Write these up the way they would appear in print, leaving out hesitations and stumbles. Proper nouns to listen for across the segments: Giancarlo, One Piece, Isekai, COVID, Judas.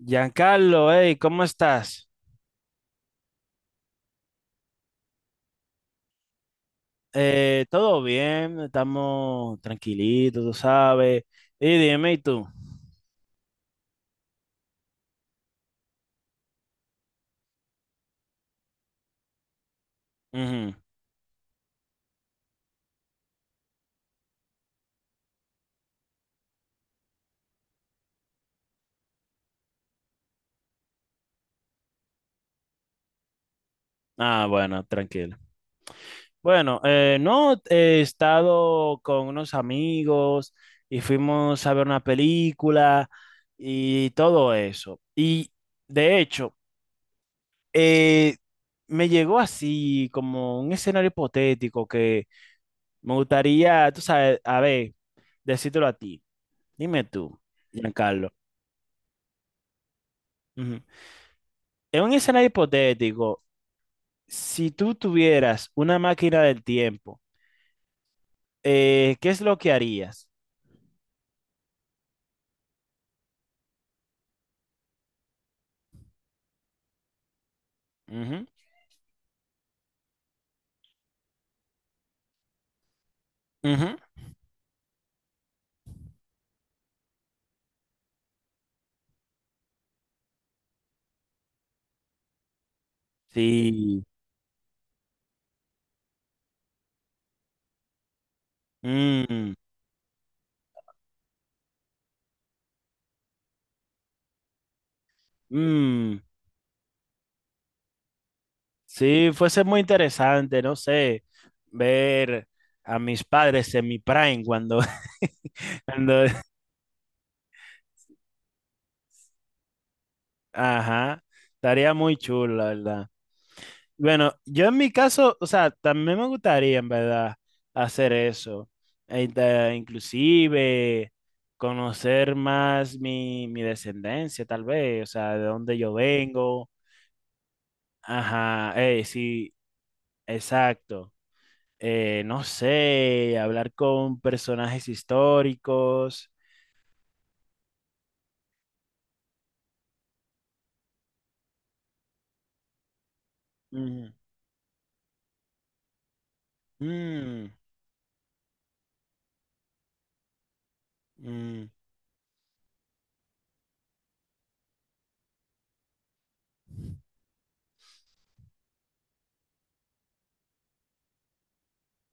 Giancarlo, hey, ¿cómo estás? Todo bien, estamos tranquilitos, tú sabes. Y dime, ¿y tú? Ujú. Ah, bueno, tranquilo. Bueno, no, he estado con unos amigos y fuimos a ver una película y todo eso. Y de hecho, eh, me llegó así como un escenario hipotético que me gustaría, tú sabes, a ver, decírtelo a ti. Dime tú, Giancarlo. Ujú. En un escenario hipotético, si tú tuvieras una máquina del tiempo, ¿qué es lo que harías? Ujú, ujú. Sí. Mm, mm. Sí, fuese muy interesante, no sé, ver a mis padres en mi prime cuando, cuando, ajá, estaría muy chulo, la verdad. Bueno, yo en mi caso, o sea, también me gustaría en verdad hacer eso. Inclusive conocer más mi descendencia, tal vez, o sea, de dónde yo vengo. Ajá, sí, exacto. No sé, hablar con personajes históricos. Mm, mm, mm.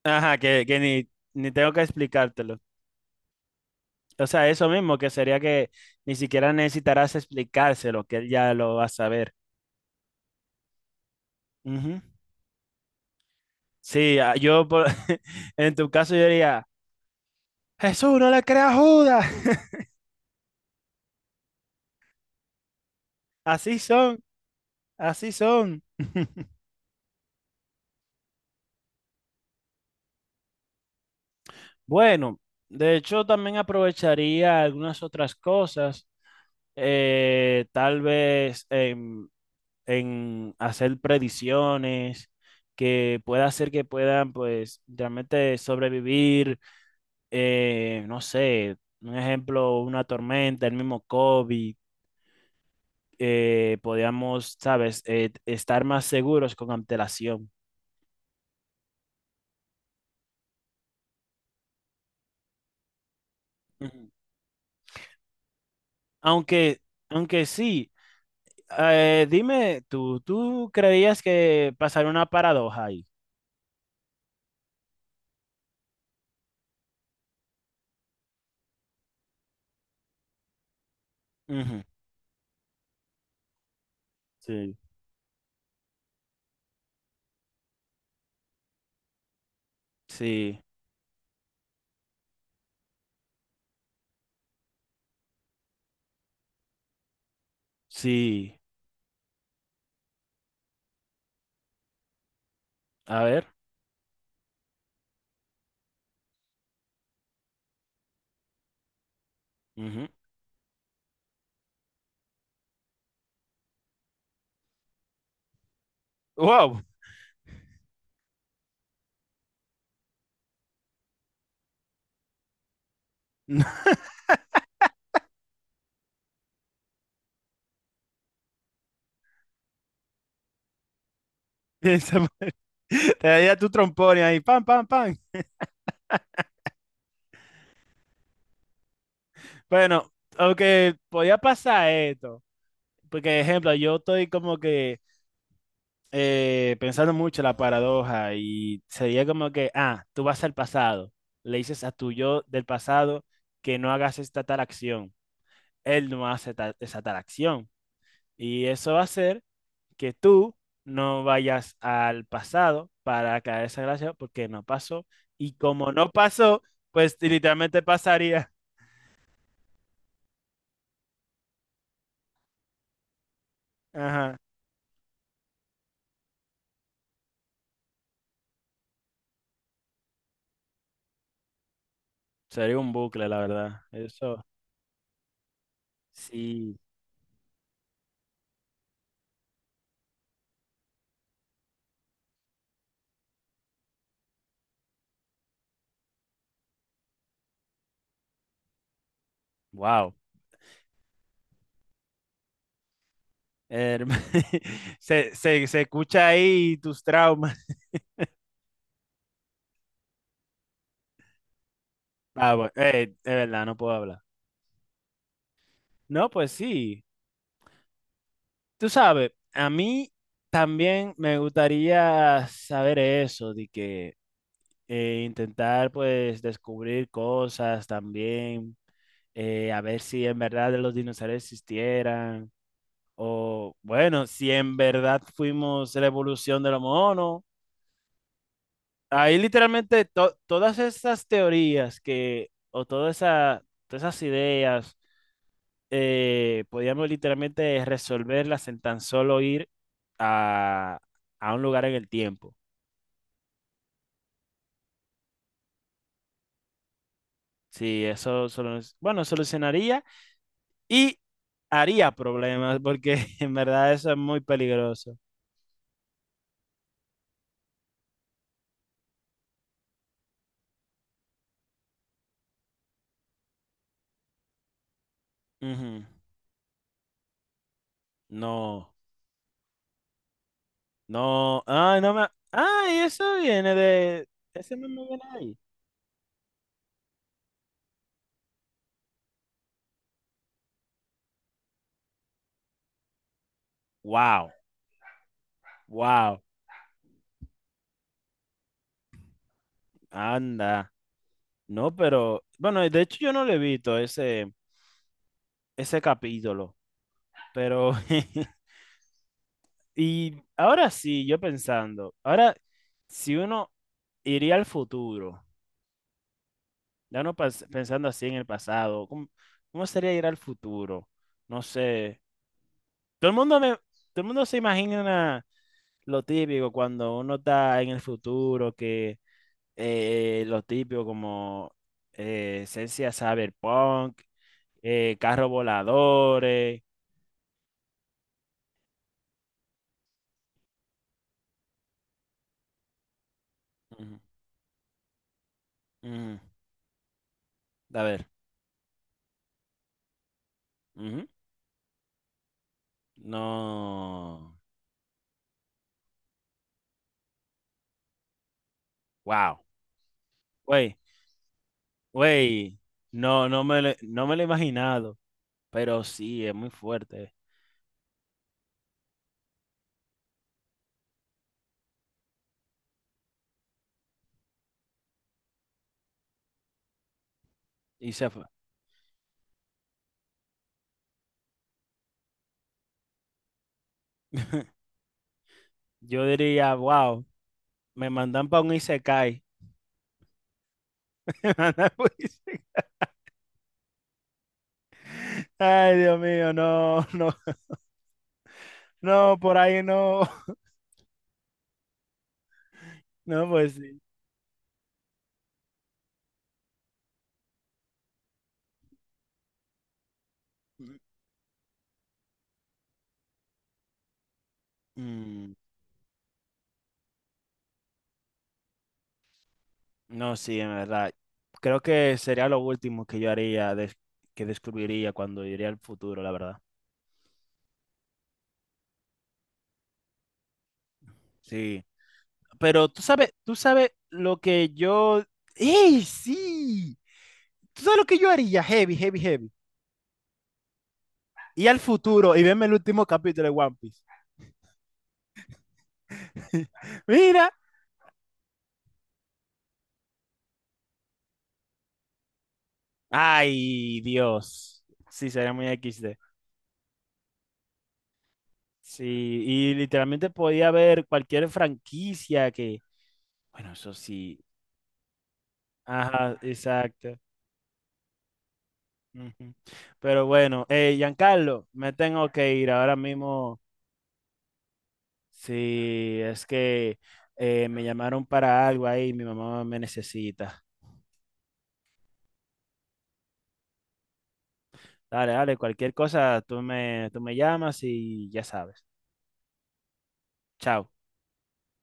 Ajá, que ni, ni tengo que explicártelo. O sea, eso mismo, que sería que ni siquiera necesitarás explicárselo, que él ya lo va a saber. Ujú. Sí, ah, en tu caso yo diría, Jesús, no le creas a Judas. Así son, así son. Bueno, de hecho también aprovecharía algunas otras cosas, tal vez en hacer predicciones que pueda hacer que puedan pues realmente sobrevivir no sé, un ejemplo, una tormenta, el mismo COVID, podíamos, sabes, estar más seguros con antelación. Ujú. Aunque, aunque sí, dime, ¿tú, tú creías que pasaría una paradoja ahí? Ujú. Sí. Sí, sí, a ver. Ujú. ¡Wow! Piensa, te daría tu trompón y ahí, pam, pam, pam. Bueno, aunque podía pasar esto, porque ejemplo, yo estoy como que pensando mucho la paradoja y sería como que, ah, tú vas al pasado, le dices a tu yo del pasado que no hagas esta tal acción, él no hace esa tal acción y eso va a hacer que tú no vayas al pasado para caer esa gracia porque no pasó y como no pasó, pues literalmente pasaría. Ajá. Sería un bucle, la verdad. Eso sí, wow. Se escucha ahí tus traumas. Ah, bueno, de verdad, no puedo hablar. No, pues sí, tú sabes, a mí también me gustaría saber eso, de que intentar pues descubrir cosas también, a ver si en verdad los dinosaurios existieran, o bueno, si en verdad fuimos la evolución de los monos. Ahí literalmente todas esas teorías que, o todas esas ideas podíamos literalmente resolverlas en tan solo ir a, a un lugar en el tiempo. Sí, eso solo, bueno, solucionaría y haría problemas porque en verdad eso es muy peligroso. Ujú. No, no, ay, no me, ay, eso viene de, ese mismo viene de ahí. Wow, wow, anda. No, pero, bueno, de hecho yo no lo he visto ese, ese capítulo, pero y ahora sí, yo pensando, ahora si uno iría al futuro, ya no pensando así en el pasado, ¿cómo, cómo sería ir al futuro? No sé. Todo el mundo se imagina lo típico cuando uno está en el futuro, que lo típico como esencia cyberpunk, carros voladores. Ujú, ujú. A ver. Ujú. No. Wow. Güey, no me lo he imaginado, pero sí, es muy fuerte. Y se fue. Yo diría, wow, me mandan para un Isekai. Me mandan pa' un ise- Ay, Dios mío, no, no, no, por ahí no. No, pues sí. Mm, no, sí, en verdad. Creo que sería lo último que yo haría, que descubriría cuando iría al futuro, la verdad. Sí. Pero tú sabes lo que yo... ¡Ey, sí! ¿Tú sabes lo que yo haría? Heavy, heavy, heavy. Y al futuro y verme el último capítulo de One Piece. Mira. Ay, Dios. Sí, sería muy XD. Sí, y literalmente podía haber cualquier franquicia que. Bueno, eso sí. Ajá, exacto. Ujú. Pero bueno, Giancarlo, me tengo que ir ahora mismo. Sí, es que me llamaron para algo ahí, mi mamá me necesita. Dale, dale, cualquier cosa, tú me llamas y ya sabes. Chao.